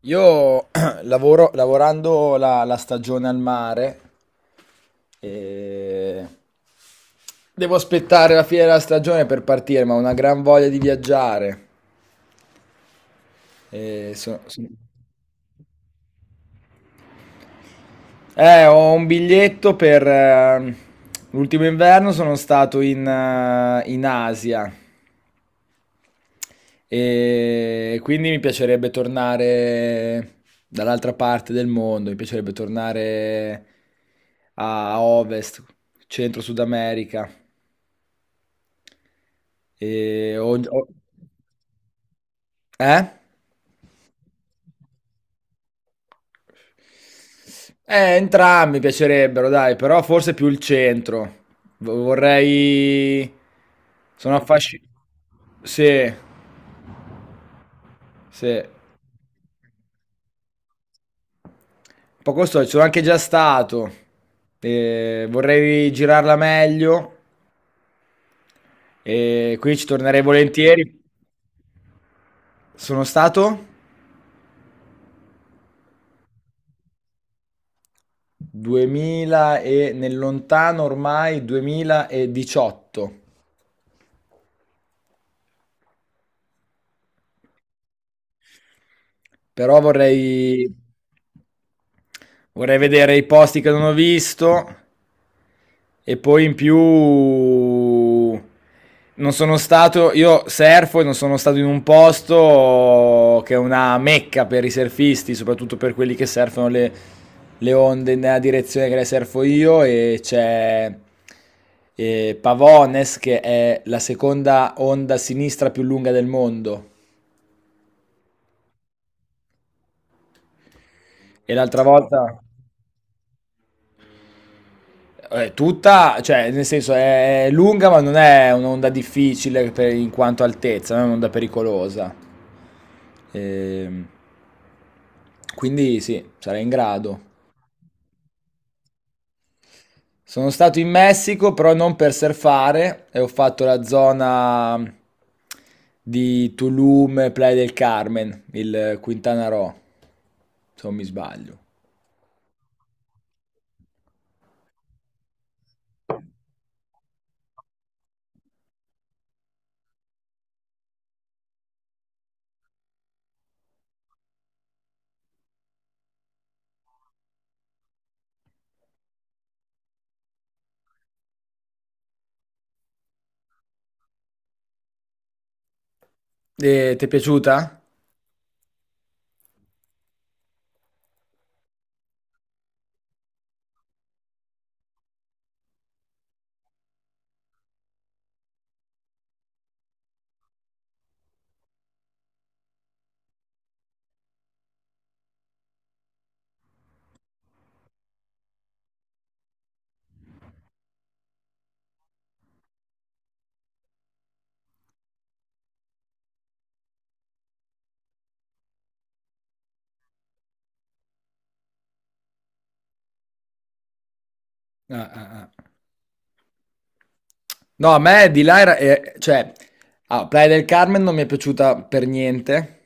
Io lavorando la stagione al mare, e devo aspettare la fine della stagione per partire, ma ho una gran voglia di viaggiare. E so- so- ho un biglietto per l'ultimo inverno, sono stato in Asia. E quindi mi piacerebbe tornare dall'altra parte del mondo, mi piacerebbe tornare a Ovest, Centro-Sud America. E ho- ho- eh? Entrambi mi piacerebbero, dai, però forse più il centro. Vorrei. Sono affascinato. Sì, sì. Un po' costoso, ci sono anche già stato. E vorrei girarla meglio. E qui ci tornerei volentieri. Sono stato 2000 e nel lontano ormai 2018. Però vorrei vedere i posti che non ho visto. E poi in più non sono stato, io surfo e non sono stato in un posto che è una mecca per i surfisti, soprattutto per quelli che surfano le onde nella direzione che le surfo io, e c'è Pavones, che è la seconda onda a sinistra più lunga del mondo. E l'altra volta. È tutta, cioè, nel senso è lunga, ma non è un'onda difficile in quanto altezza, non è un'onda pericolosa. Ehm, quindi sì, sarei in grado. Sono stato in Messico, però non per surfare, e ho fatto la zona di Tulum, Playa del Carmen, il Quintana Roo, se non mi sbaglio. E ti è piaciuta? Ah, ah, ah. No, a me di là era, cioè, ah, Playa del Carmen non mi è piaciuta per niente,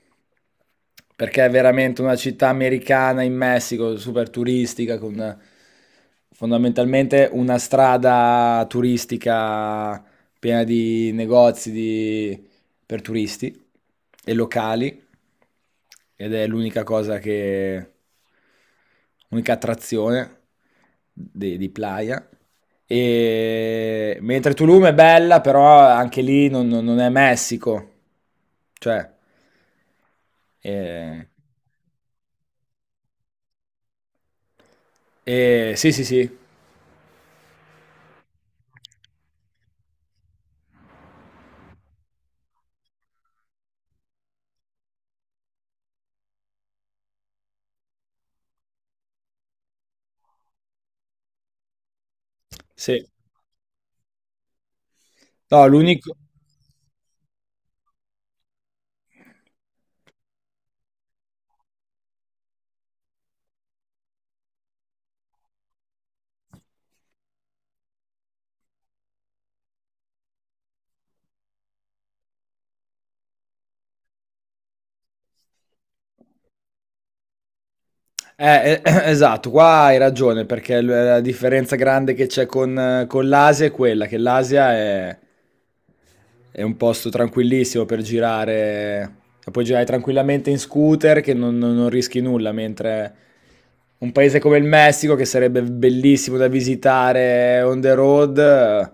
perché è veramente una città americana in Messico, super turistica, con fondamentalmente una strada turistica piena di negozi di- per turisti e locali. Ed è l'unica cosa che. L'unica attrazione di Playa. E mentre Tulum è bella, però anche lì non è Messico. Cioè. eh, eh, sì, sì, sì. Sì. No, l'unico. Eh, eh, esatto, qua hai ragione, perché la differenza grande che c'è con l'Asia è quella, che l'Asia è un posto tranquillissimo per girare, e puoi girare tranquillamente in scooter che non rischi nulla, mentre un paese come il Messico, che sarebbe bellissimo da visitare on the road,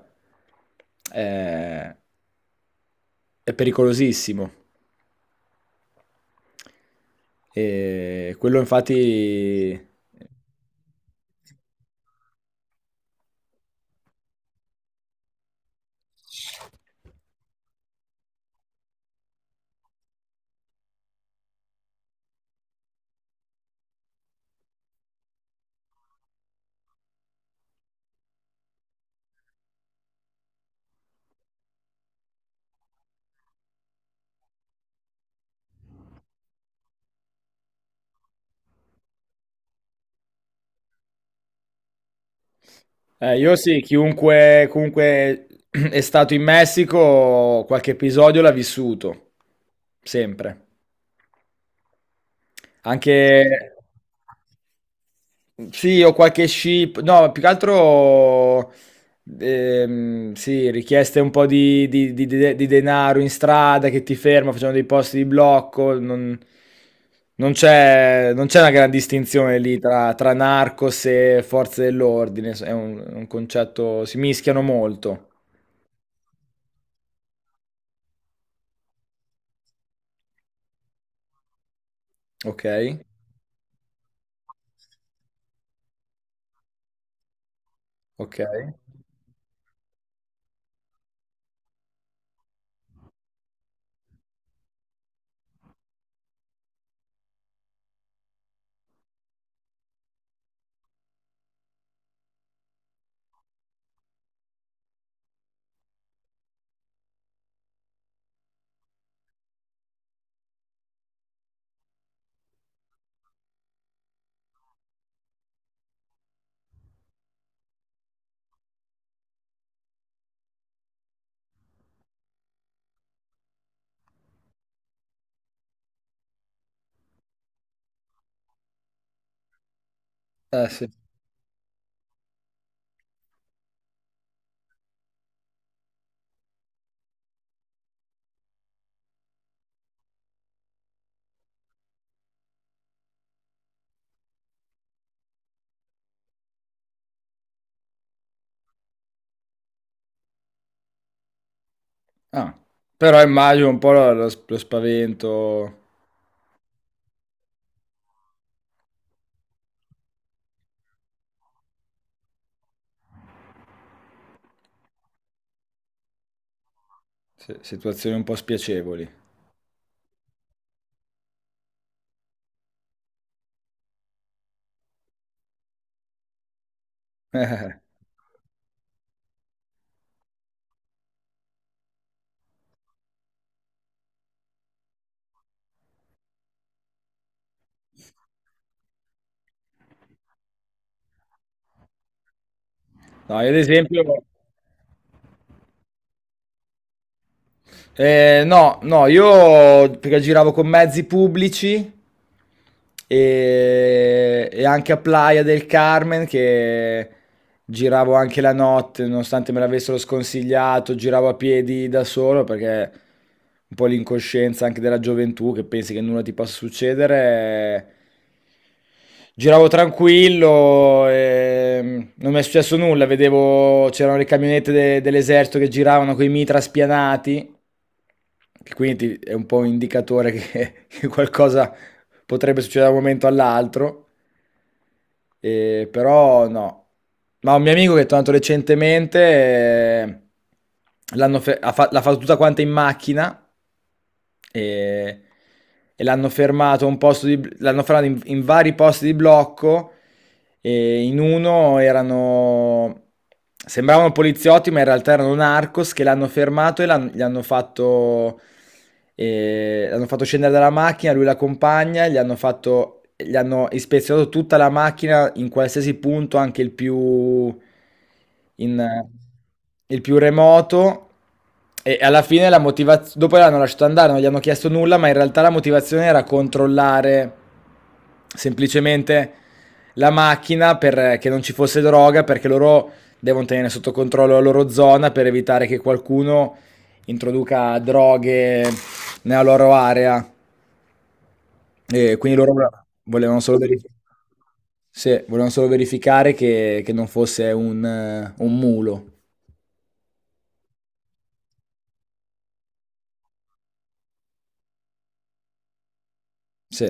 eh, è pericolosissimo. E quello infatti. Io sì, chiunque comunque è stato in Messico, qualche episodio l'ha vissuto, sempre. Anche. Sì, ho qualche ship, no, più che altro, sì, richieste un po' di denaro in strada che ti ferma, facciamo dei posti di blocco, non c'è una gran distinzione lì tra narcos e forze dell'ordine, s è un concetto, si mischiano molto. Okay, okay. Eh sì. Ah. Però immagino un po' lo spavento. Sì, situazioni un po' spiacevoli. No, io ad esempio. No, no, io perché giravo con mezzi pubblici, e anche a Playa del Carmen, che giravo anche la notte, nonostante me l'avessero sconsigliato, giravo a piedi da solo perché un po' l'incoscienza anche della gioventù che pensi che nulla ti possa succedere. Giravo tranquillo, e non mi è successo nulla, vedevo c'erano le camionette dell'esercito che giravano con i mitra spianati che quindi ti- è un po' un indicatore che, che qualcosa potrebbe succedere da un momento all'altro. Però no. Ma un mio amico che è tornato recentemente, l'hanno fe- ha fa- l'ha fatto tutta quanta in macchina eh, e, l'hanno fermato in vari posti di blocco, e in uno erano. Sembravano poliziotti, ma in realtà erano narcos che l'hanno fermato e l'hanno fatto scendere dalla macchina, lui la compagna, gli hanno ispezionato tutta la macchina in qualsiasi punto, anche il più, in- il più remoto. E alla fine la motivazione, dopo l'hanno lasciato andare, non gli hanno chiesto nulla, ma in realtà la motivazione era controllare semplicemente la macchina perché non ci fosse droga, perché loro devono tenere sotto controllo la loro zona per evitare che qualcuno introduca droghe nella loro area. E quindi loro volevano solo verificare che non fosse un mulo. Sì.